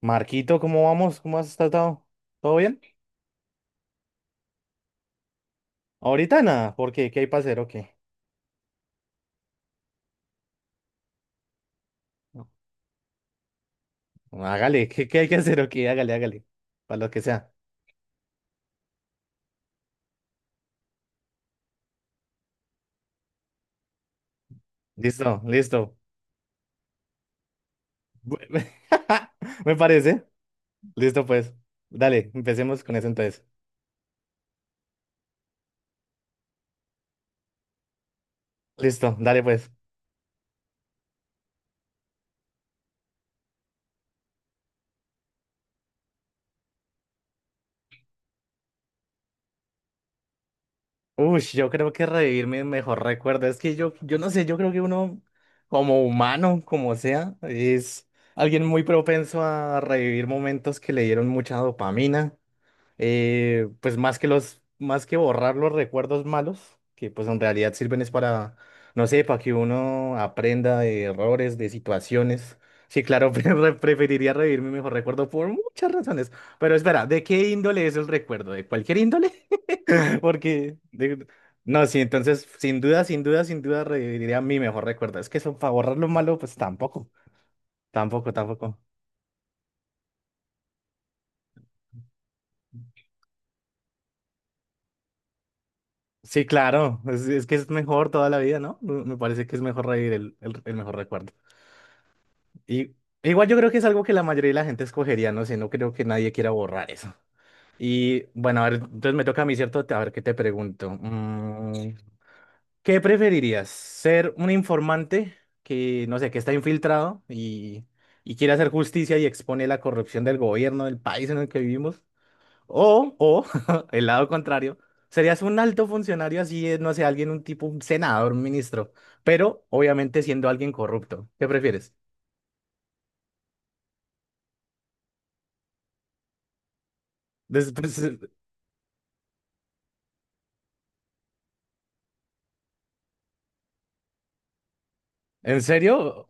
Marquito, ¿cómo vamos? ¿Cómo has estado? ¿Todo bien? Ahorita nada, ¿por qué? ¿Qué hay para hacer o qué? No. Hágale, ¿qué hay que hacer o qué? Hágale, hágale, para lo que sea. Listo, listo. Bu- Me parece. Listo, pues. Dale, empecemos con eso entonces. Listo, dale, pues. Uy, yo creo que revivir mi mejor recuerdo. Es que yo no sé, yo creo que uno, como humano, como sea, es alguien muy propenso a revivir momentos que le dieron mucha dopamina pues más que los, más que borrar los recuerdos malos, que pues en realidad sirven es para, no sé, para que uno aprenda de errores, de situaciones. Sí, claro, preferiría revivir mi mejor recuerdo por muchas razones. Pero espera, ¿de qué índole es el recuerdo? ¿De cualquier índole? Porque, no, sí, entonces, sin duda, sin duda, sin duda, reviviría mi mejor recuerdo. Es que eso, para borrar lo malo, pues tampoco, tampoco, tampoco. Sí, claro, es que es mejor toda la vida, ¿no? Me parece que es mejor reír el mejor recuerdo. Y igual yo creo que es algo que la mayoría de la gente escogería, no sé, no creo que nadie quiera borrar eso. Y bueno, a ver, entonces me toca a mí, ¿cierto? A ver, ¿qué te pregunto? ¿Qué preferirías? ¿Ser un informante que, no sé, que está infiltrado y quiere hacer justicia y expone la corrupción del gobierno, del país en el que vivimos? O, el lado contrario, serías un alto funcionario así, no sé, alguien, un tipo, un senador, un ministro, pero obviamente siendo alguien corrupto. ¿Qué prefieres? Pues, ¿en serio?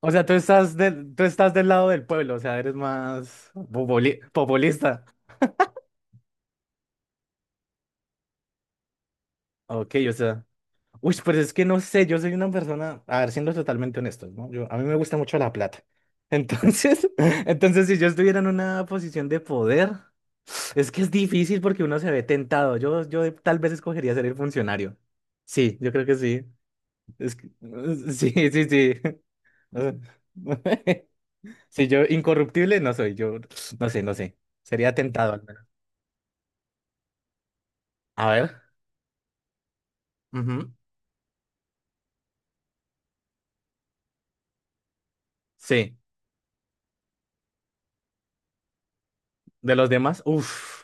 O sea, tú estás del lado del pueblo, o sea, eres más populista. Ok, o sea. Uy, pero es que no sé, yo soy una persona, a ver, siendo totalmente honesto, ¿no? Yo, a mí me gusta mucho la plata. Entonces, entonces, si yo estuviera en una posición de poder. Es que es difícil porque uno se ve tentado. Yo tal vez escogería ser el funcionario. Sí, yo creo que sí. Es que- sí, sí, sí. O sea, si yo incorruptible no soy, yo no sé, no sé. Sería tentado al menos. A ver. Ujú. Sí. De los demás, uff.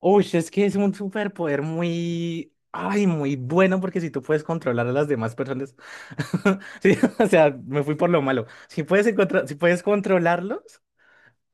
Uy, es que es un superpoder muy, ay, muy bueno porque si tú puedes controlar a las demás personas, sí, o sea, me fui por lo malo. Si puedes encontrar, si puedes controlarlos.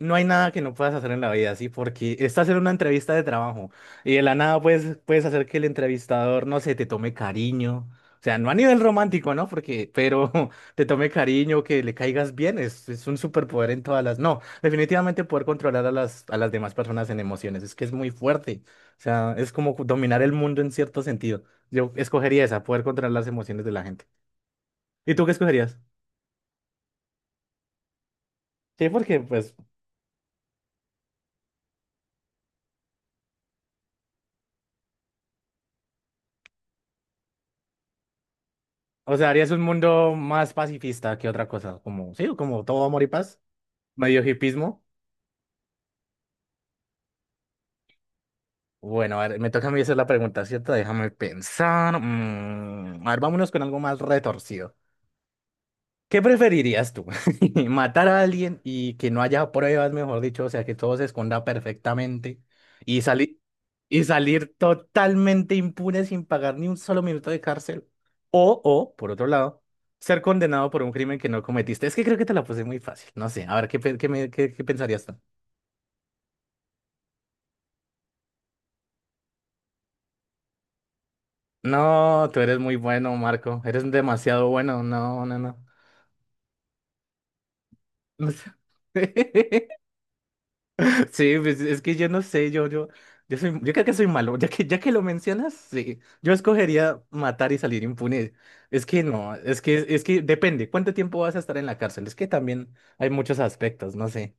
No hay nada que no puedas hacer en la vida, ¿sí? Porque estás en una entrevista de trabajo y de la nada puedes, puedes hacer que el entrevistador, no sé, te tome cariño. O sea, no a nivel romántico, ¿no? Porque, pero te tome cariño, que le caigas bien, es un superpoder en todas las... No, definitivamente poder controlar a las demás personas en emociones, es que es muy fuerte. O sea, es como dominar el mundo en cierto sentido. Yo escogería esa, poder controlar las emociones de la gente. ¿Y tú qué escogerías? Sí, porque pues o sea, harías un mundo más pacifista que otra cosa, como, sí, como todo amor y paz, medio hipismo. Bueno, a ver, me toca a mí hacer la pregunta, ¿cierto? Déjame pensar. A ver, vámonos con algo más retorcido. ¿Qué preferirías tú? ¿Matar a alguien y que no haya pruebas, mejor dicho? O sea, que todo se esconda perfectamente y salir y salir totalmente impune sin pagar ni un solo minuto de cárcel. O, por otro lado, ser condenado por un crimen que no cometiste. Es que creo que te la puse muy fácil. No sé, a ver, ¿qué, pe- qué, me- qué, qué pensarías tú? No, tú eres muy bueno, Marco. Eres demasiado bueno. No, no, no. Sí, pues, es que yo no sé, yo soy, yo creo que soy malo, ya que lo mencionas, sí, yo escogería matar y salir impune. Es que no, es que depende, ¿cuánto tiempo vas a estar en la cárcel? Es que también hay muchos aspectos, no sé,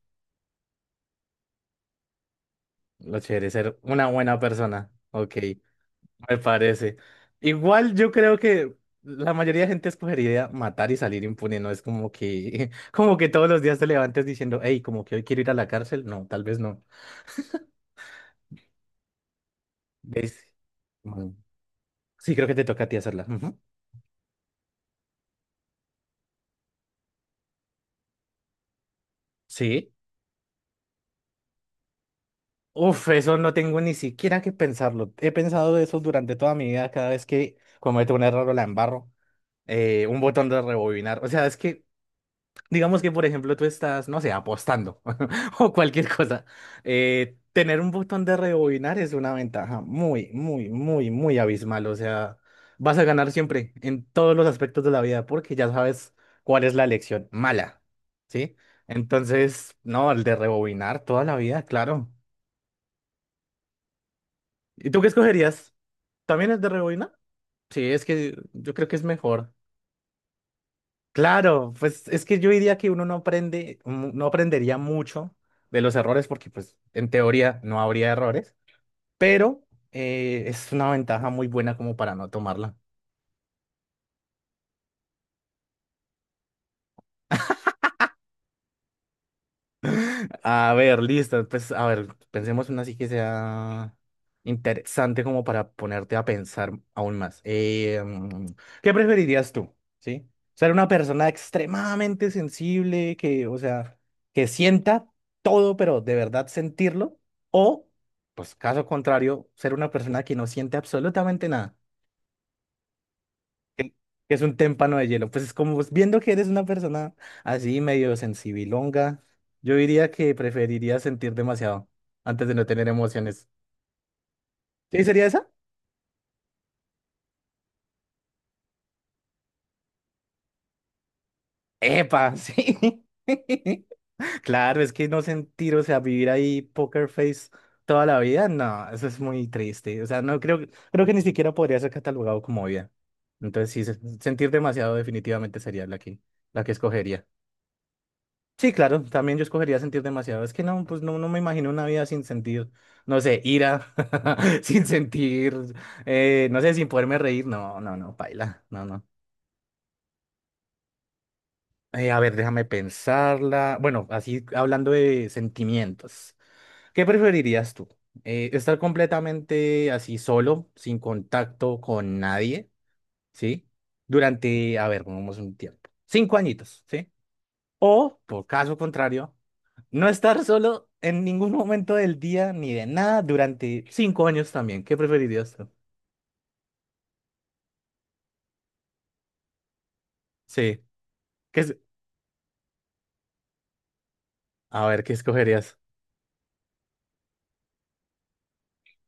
lo chévere, ser una buena persona, ok, me parece. Igual yo creo que la mayoría de gente escogería matar y salir impune, no es como que, como que todos los días te levantes diciendo, hey, como que hoy quiero ir a la cárcel, no, tal vez no. ¿Ves? Bueno, sí, creo que te toca a ti hacerla. Ujú. Sí. Uf, eso no tengo ni siquiera que pensarlo. He pensado eso durante toda mi vida, cada vez que cometo un error o la embarro. Un botón de rebobinar. O sea, es que digamos que, por ejemplo, tú estás, no sé, apostando o cualquier cosa. Tener un botón de rebobinar es una ventaja muy, muy, muy, muy abismal. O sea, vas a ganar siempre en todos los aspectos de la vida porque ya sabes cuál es la elección mala, ¿sí? Entonces, no, el de rebobinar toda la vida, claro. ¿Y tú qué escogerías? ¿También el de rebobinar? Sí, es que yo creo que es mejor. Claro, pues es que yo diría que uno no aprende, no aprendería mucho de los errores porque pues en teoría no habría errores, pero es una ventaja muy buena como para no tomarla. A ver, listo. Pues, a ver, pensemos una así que sea interesante como para ponerte a pensar aún más. ¿Qué preferirías tú? ¿Sí? Ser una persona extremadamente sensible, que, o sea, que sienta todo, pero de verdad sentirlo, o, pues, caso contrario, ser una persona que no siente absolutamente nada, que que es un témpano de hielo. Pues es como pues, viendo que eres una persona así medio sensibilonga, yo diría que preferiría sentir demasiado antes de no tener emociones. ¿Sí sería esa? ¡Epa! Sí. Claro, es que no sentir, o sea, vivir ahí poker face toda la vida, no, eso es muy triste. O sea, no creo, creo que ni siquiera podría ser catalogado como vida. Entonces, sí, sentir demasiado definitivamente sería la que escogería. Sí, claro, también yo escogería sentir demasiado. Es que no, pues no, no me imagino una vida sin sentir, no sé, ira, sin sentir, no sé, sin poderme reír. No, no, no, paila, no, no. A ver, déjame pensarla. Bueno, así hablando de sentimientos, ¿qué preferirías tú? Estar completamente así solo, sin contacto con nadie, ¿sí? Durante, a ver, pongamos un tiempo, 5 añitos, ¿sí? O, por caso contrario, no estar solo en ningún momento del día ni de nada durante 5 años también. ¿Qué preferirías tú? Sí. ¿Qué es- A ver, ¿qué escogerías?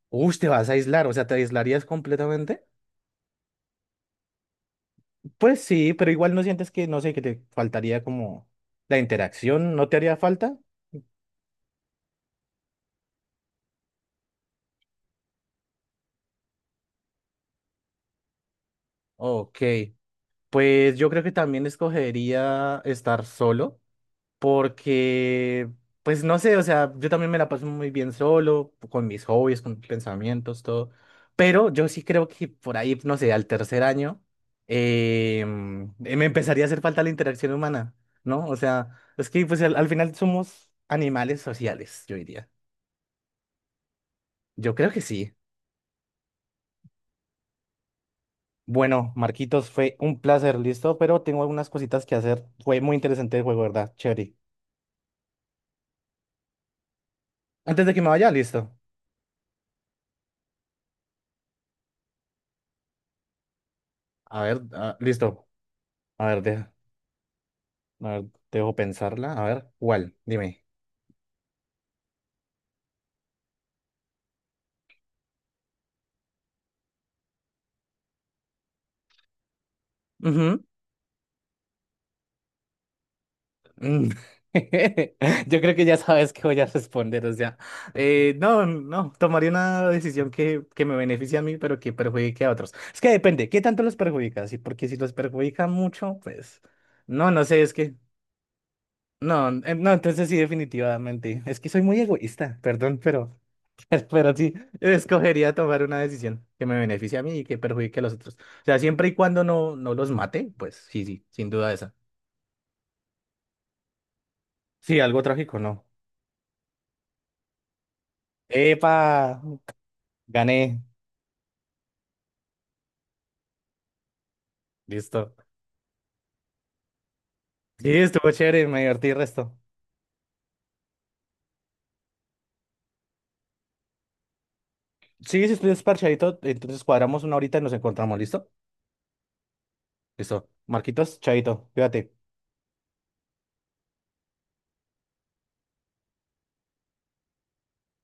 Uy, te vas a aislar, o sea, ¿te aislarías completamente? Pues sí, pero igual no sientes que, no sé, que te faltaría como la interacción, ¿no te haría falta? Ok, pues yo creo que también escogería estar solo, porque, pues no sé, o sea, yo también me la paso muy bien solo, con mis hobbies, con mis pensamientos, todo, pero yo sí creo que por ahí, no sé, al tercer año, me empezaría a hacer falta la interacción humana, ¿no? O sea, es que pues al final somos animales sociales, yo diría. Yo creo que sí. Bueno, Marquitos, fue un placer, listo, pero tengo algunas cositas que hacer. Fue muy interesante el juego, ¿verdad? Chévere. Antes de que me vaya, listo. A ver, ah, listo. A ver, deja. A ver, dejo pensarla. A ver, ¿cuál? Dime. Ujú. Mm. Yo creo que ya sabes que voy a responder, o sea, no, no, tomaría una decisión que, me beneficie a mí, pero que perjudique a otros. Es que depende, ¿qué tanto los perjudica? Sí, porque si los perjudica mucho, pues, no, no sé, es que, no, no, entonces sí, definitivamente, es que soy muy egoísta, perdón, pero pero sí, escogería tomar una decisión que me beneficie a mí y que perjudique a los otros. O sea, siempre y cuando no, no los mate, pues sí, sí, sin duda esa. Sí, algo trágico, no. ¡Epa! Gané. Listo. Sí, estuvo chévere, me divertí el resto. Sí, si estoy desparchadito, entonces cuadramos una horita y nos encontramos, ¿listo? Listo. Marquitos, chaito, cuídate.